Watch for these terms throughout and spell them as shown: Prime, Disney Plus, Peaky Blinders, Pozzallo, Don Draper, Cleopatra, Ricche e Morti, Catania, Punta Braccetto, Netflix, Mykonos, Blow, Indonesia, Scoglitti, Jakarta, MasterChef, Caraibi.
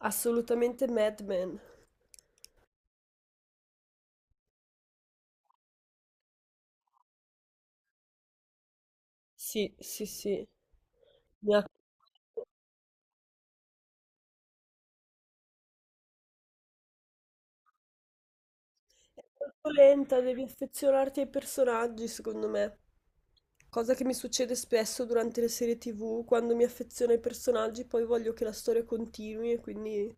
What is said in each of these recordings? Assolutamente Mad Men. Sì, sì, sì. Mi ha- È molto lenta, devi affezionarti ai personaggi, secondo me. Cosa che mi succede spesso durante le serie TV, quando mi affeziono ai personaggi, poi voglio che la storia continui e quindi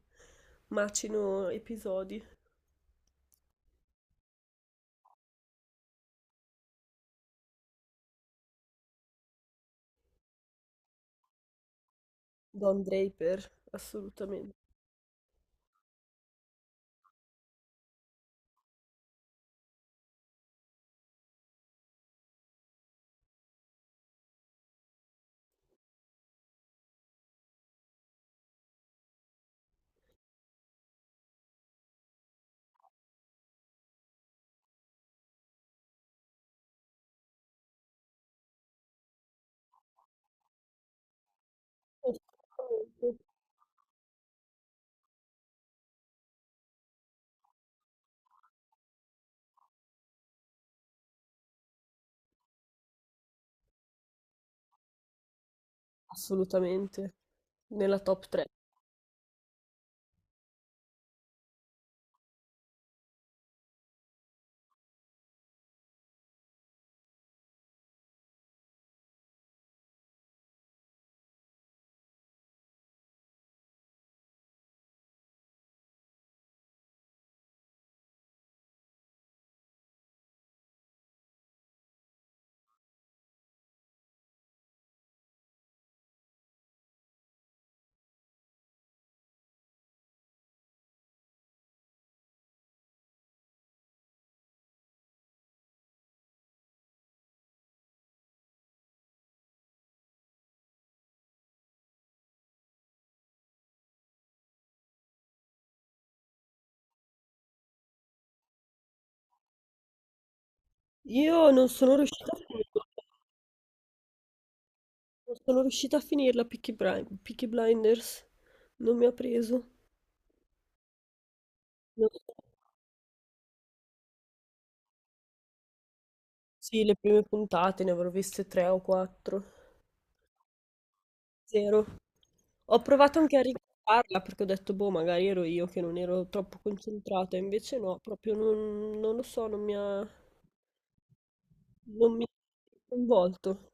macino episodi. Don Draper, assolutamente. Assolutamente. Assolutamente. Nella top 3. Io non sono riuscita a finirlo. Non sono riuscita a finirla Peaky Blinders, non mi ha preso. Non so. Sì, le prime puntate ne avrò viste tre o quattro. Zero. Ho provato anche a riguardarla perché ho detto, boh, magari ero io che non ero troppo concentrata, invece no, proprio non lo so, non mi ha coinvolto.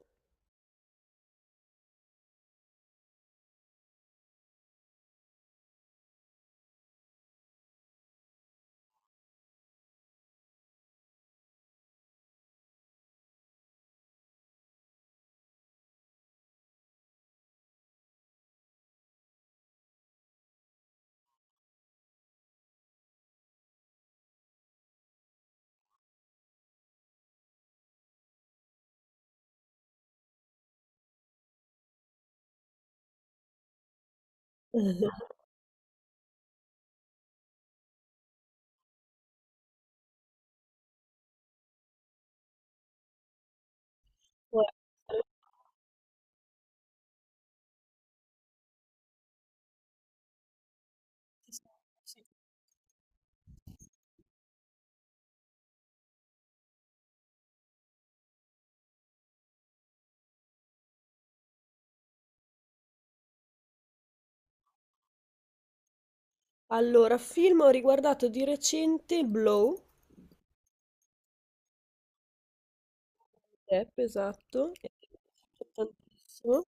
Poi- Allora, film ho riguardato di recente Blow, Depp, esatto, e mi è piaciuto tantissimo.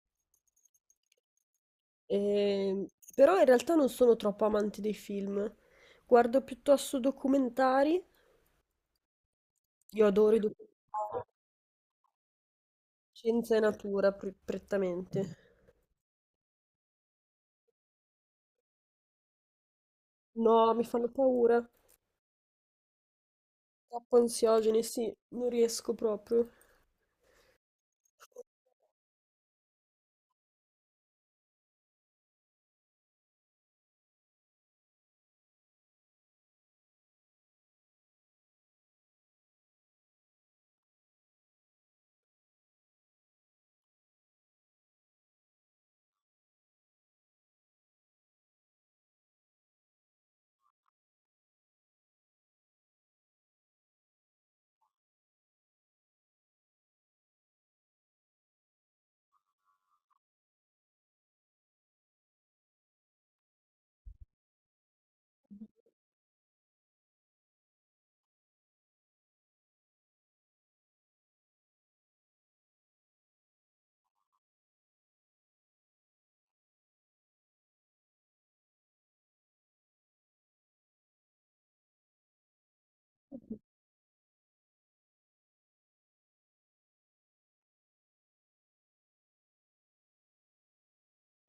Ehm, però in realtà non sono troppo amante dei film. Guardo piuttosto documentari. Io adoro i documentari, scienza e natura prettamente. No, mi fanno paura. Troppo ansiogeni, sì, non riesco proprio.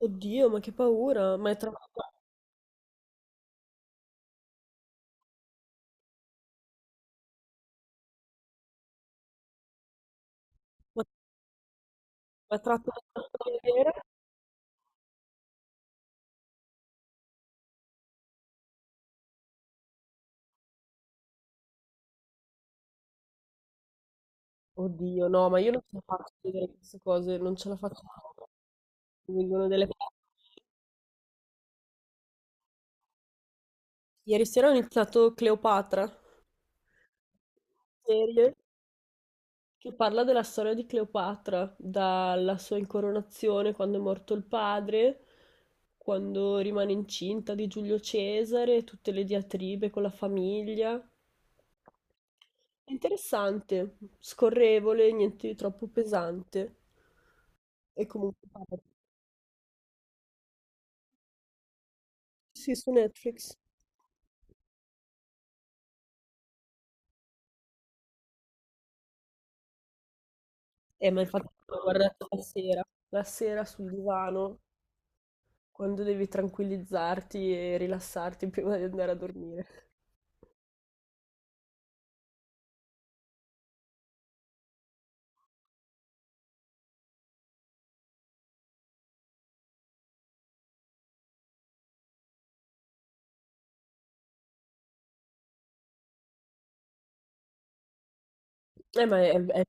Oddio, ma che paura! Ma, ma è tratto da una storia vera? Oddio, no, ma io non ce la faccio a vedere queste cose, non ce la faccio. Mi vengono delle... Ieri sera ho iniziato Cleopatra, serie. Che parla della storia di Cleopatra, dalla sua incoronazione quando è morto il padre, quando rimane incinta di Giulio Cesare, tutte le diatribe con la famiglia. È interessante, scorrevole, niente di troppo pesante. E comunque parla- sì, su Netflix. Ma infatti l'ho guardato la sera sul divano, quando devi tranquillizzarti e rilassarti prima di andare a dormire. Eh, ma è, è-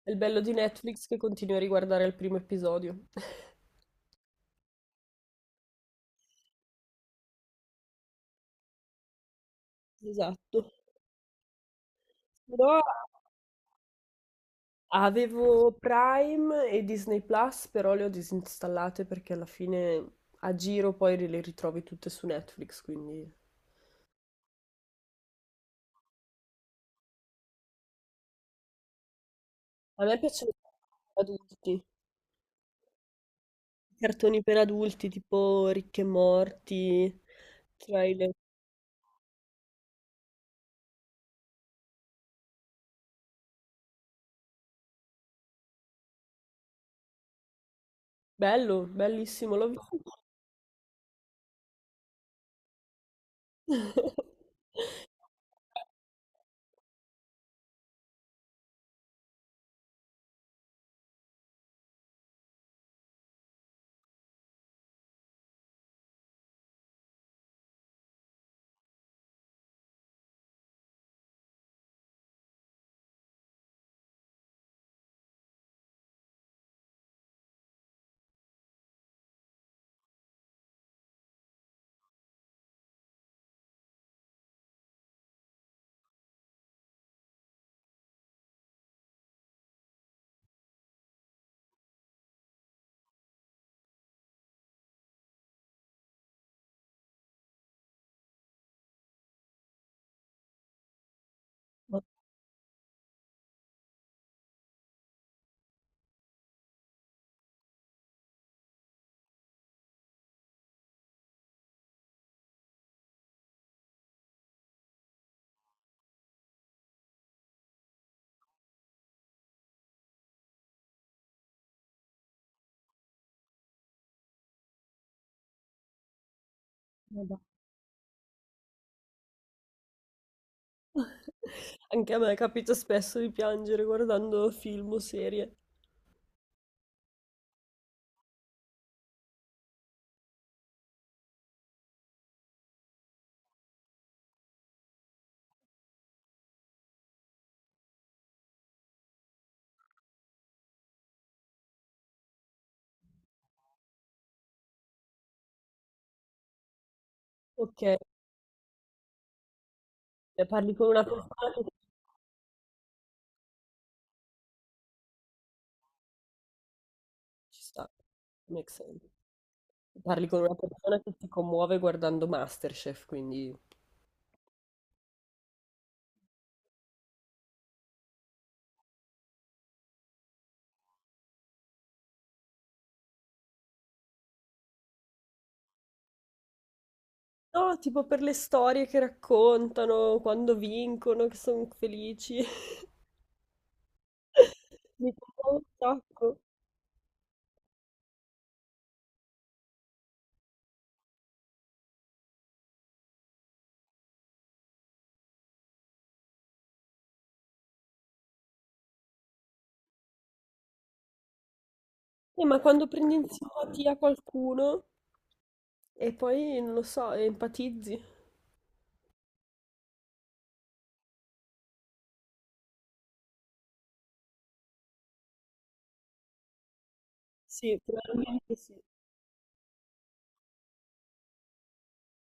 È il bello di Netflix che continui a riguardare il primo episodio. Esatto. Però avevo Prime e Disney Plus, però le ho disinstallate perché alla fine a giro poi le ritrovi tutte su Netflix, quindi... A me piacciono i adulti, i cartoni per adulti tipo Ricche e Morti, Trailer. Bello, bellissimo, l'ho visto. Madonna. Anche a me capita spesso di piangere guardando film o serie. Ok, e parli con una persona che ci sta, make sense. Parli con una persona che ti commuove guardando MasterChef, quindi... No, tipo per le storie che raccontano, quando vincono, che sono felici. Mi commuove un sacco. Ma quando prendi in simpatia qualcuno e poi, non lo so, empatizzi. Sì, probabilmente sì.